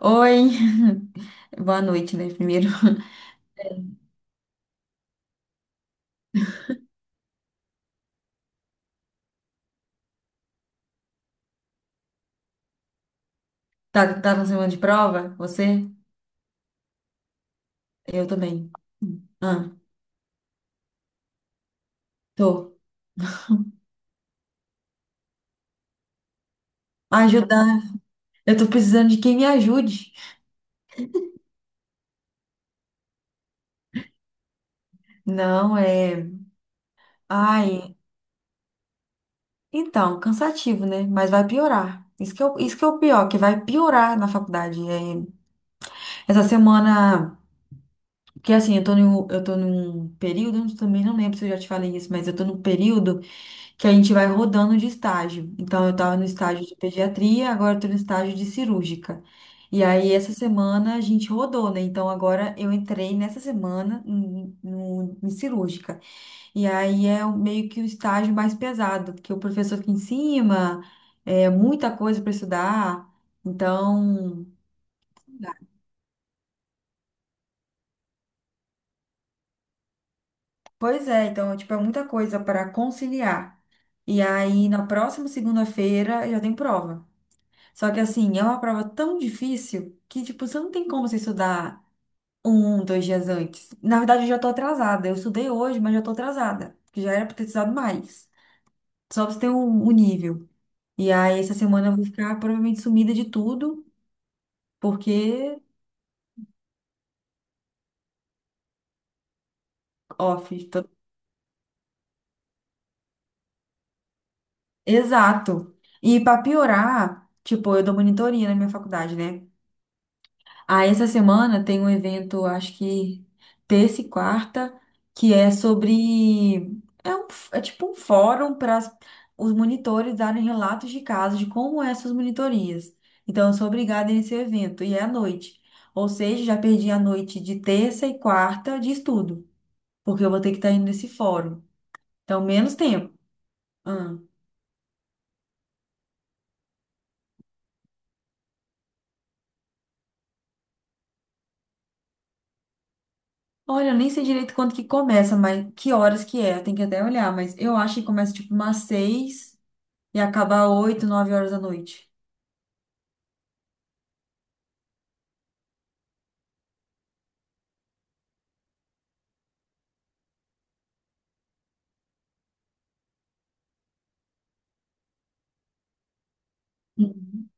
Oi, boa noite, né? Primeiro. Tá na semana de prova? Você? Eu também. Ah, tô. Ajudar. Eu tô precisando de quem me ajude. Não, é. Ai, então, cansativo, né? Mas vai piorar. Isso que é o pior, que vai piorar na faculdade. É, essa semana. Porque assim, eu tô num período, eu também não lembro se eu já te falei isso, mas eu tô num período, que a gente vai rodando de estágio. Então, eu estava no estágio de pediatria, agora estou no estágio de cirúrgica. E aí, essa semana a gente rodou, né? Então, agora eu entrei nessa semana em cirúrgica. E aí é meio que o estágio mais pesado, porque o professor fica em cima, é muita coisa para estudar. Então, pois é, então, tipo, é muita coisa para conciliar. E aí, na próxima segunda-feira, eu já tenho prova. Só que assim, é uma prova tão difícil que, tipo, você não tem como você estudar um, dois dias antes. Na verdade, eu já tô atrasada. Eu estudei hoje, mas já tô atrasada. Que Já era pra ter estudado mais. Só pra você ter um nível. E aí, essa semana eu vou ficar provavelmente sumida de tudo, porque off. Exato. E pra piorar, tipo, eu dou monitoria na minha faculdade, né? Ah, essa semana tem um evento, acho que terça e quarta, que é sobre. É, é tipo um fórum para os monitores darem relatos de casos de como é essas monitorias. Então, eu sou obrigada nesse evento, e é à noite. Ou seja, já perdi a noite de terça e quarta de estudo, porque eu vou ter que estar indo nesse fórum. Então, menos tempo. Ah. Olha, eu nem sei direito quando que começa, mas que horas que é, eu tenho que até olhar, mas eu acho que começa tipo umas seis e acabar oito, nove horas da noite. Uhum.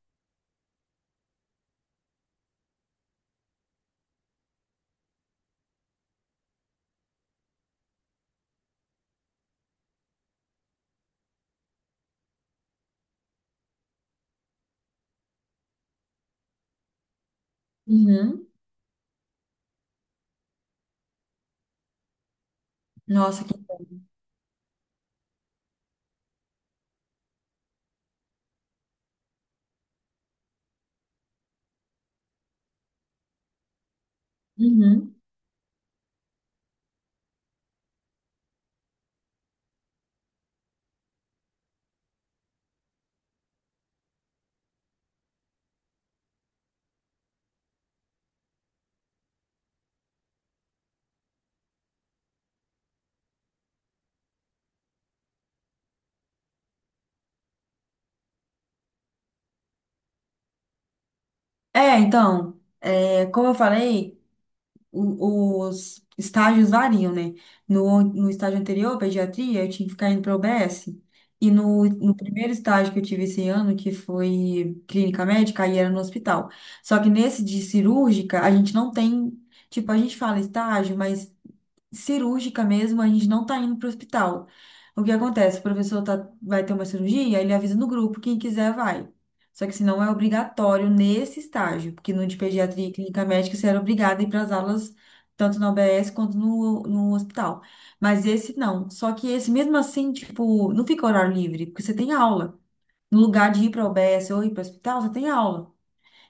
Uhum. Nossa, que inferno. Uhum. É, então, é, como eu falei, os estágios variam, né? No estágio anterior, pediatria, eu tinha que ficar indo para o UBS. E no primeiro estágio que eu tive esse ano, que foi clínica médica, aí era no hospital. Só que nesse de cirúrgica, a gente não tem. Tipo, a gente fala estágio, mas cirúrgica mesmo, a gente não tá indo pro hospital. O que acontece? O professor tá, vai ter uma cirurgia, ele avisa no grupo, quem quiser vai. Só que se não é obrigatório nesse estágio, porque no de pediatria e clínica médica você era obrigado a ir para as aulas tanto na UBS quanto no hospital. Mas esse não. Só que esse mesmo assim, tipo, não fica horário livre, porque você tem aula. No lugar de ir para a UBS ou ir para o hospital, você tem aula.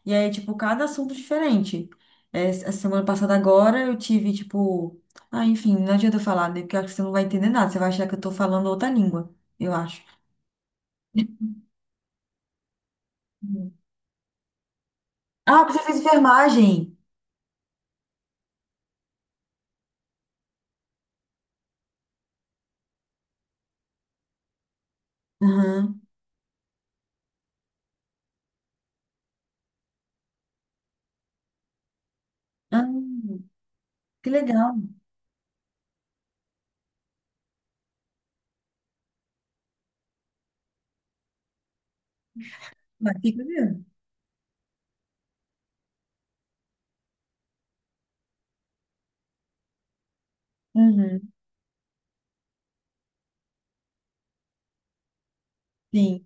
E aí, tipo, cada assunto diferente. É, a semana passada agora eu tive, tipo. Ah, enfim, não adianta eu falar, né? Porque eu acho que você não vai entender nada. Você vai achar que eu tô falando outra língua, eu acho. Uhum. Ah, porque você fez enfermagem! Aham. Ah, que legal. Mas fica mesmo. Uhum. Sim.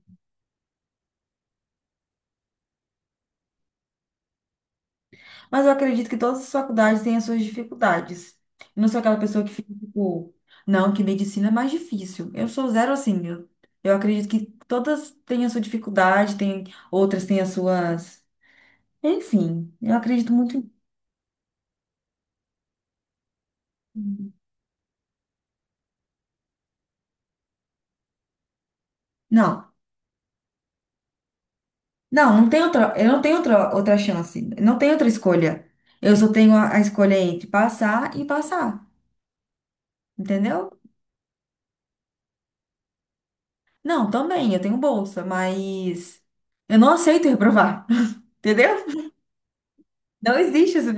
Mas eu acredito que todas as faculdades têm as suas dificuldades. Eu não sou aquela pessoa que fica tipo, não, que medicina é mais difícil. Eu sou zero assim. Eu acredito que todas têm a sua dificuldade, tem, outras têm as suas. Enfim, eu acredito muito. em- Não, não, não tem outra, eu não tenho outra chance, não tenho outra escolha. Eu só tenho a escolha entre passar e passar, entendeu? Não, também, eu tenho bolsa, mas eu não aceito reprovar, entendeu? Não existe isso.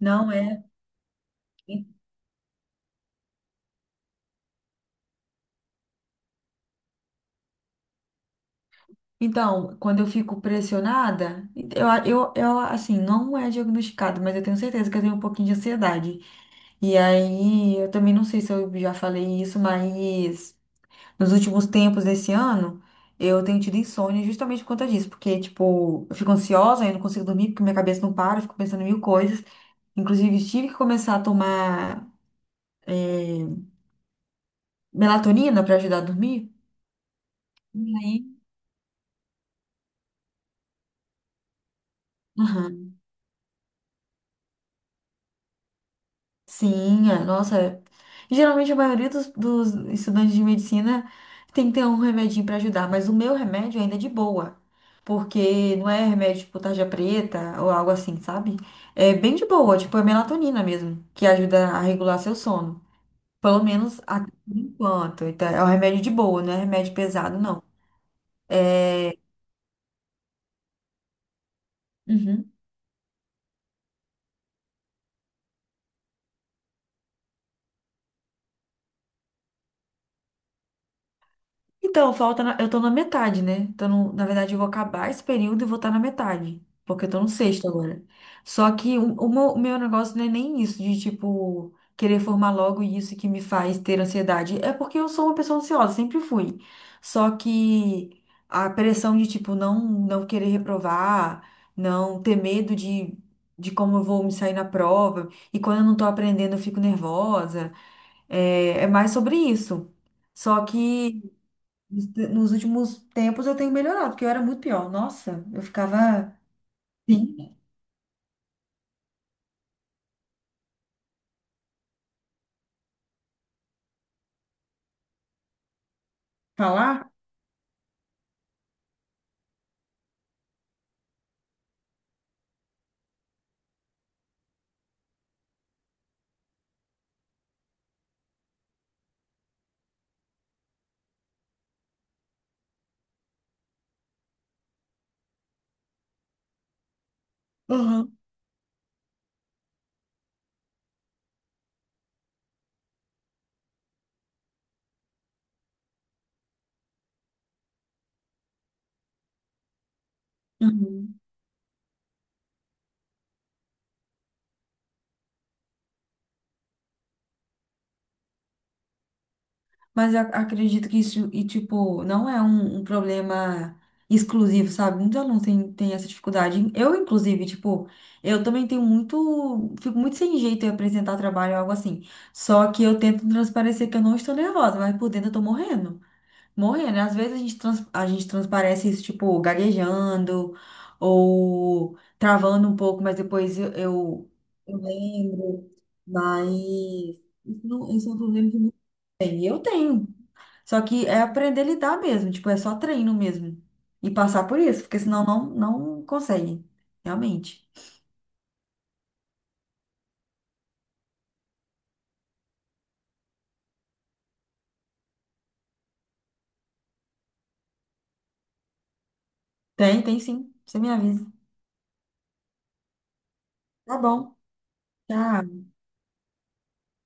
Não é. E- Então, quando eu fico pressionada, eu assim, não é diagnosticado, mas eu tenho certeza que eu tenho um pouquinho de ansiedade. E aí, eu também não sei se eu já falei isso, mas nos últimos tempos desse ano, eu tenho tido insônia justamente por conta disso, porque, tipo, eu fico ansiosa, eu não consigo dormir porque minha cabeça não para, eu fico pensando em mil coisas. Inclusive, tive que começar a tomar, eh, melatonina para ajudar a dormir. E aí, aham. Sim, é, nossa, é. Geralmente a maioria dos estudantes de medicina tem que ter um remedinho para ajudar, mas o meu remédio ainda é de boa, porque não é remédio tipo tarja preta ou algo assim, sabe? É bem de boa, tipo é melatonina mesmo, que ajuda a regular seu sono. Pelo menos até por enquanto. Então, é um remédio de boa, não é remédio pesado, não. Uhum. Então, eu tô na metade, né? Então, na verdade, eu vou acabar esse período e vou estar na metade, porque eu tô no sexto agora. Só que o meu negócio não é nem isso de, tipo, querer formar logo isso que me faz ter ansiedade. É porque eu sou uma pessoa ansiosa, sempre fui. Só que a pressão de, tipo, não, não querer reprovar, não ter medo de como eu vou me sair na prova, e quando eu não tô aprendendo, eu fico nervosa. É, é mais sobre isso. Só que. Nos nos últimos tempos eu tenho melhorado, porque eu era muito pior. Nossa, eu ficava sim, falar. Uhum. Uhum. Mas eu acredito que isso, e tipo, não é um problema exclusivo, sabe? Muitos alunos têm, têm essa dificuldade. Eu, inclusive, tipo, eu também tenho muito, fico muito sem jeito em apresentar trabalho ou algo assim. Só que eu tento transparecer que eu não estou nervosa, mas por dentro eu tô morrendo. Morrendo. Às vezes a gente, a gente transparece isso, tipo, gaguejando ou travando um pouco, mas depois eu lembro. Mas isso, não, isso é um problema que não tem. Eu tenho. Só que é aprender a lidar mesmo, tipo, é só treino mesmo. Passar por isso, porque senão não, não consegue, realmente. Tem, tem sim. Você me avisa. Tá bom. Tchau.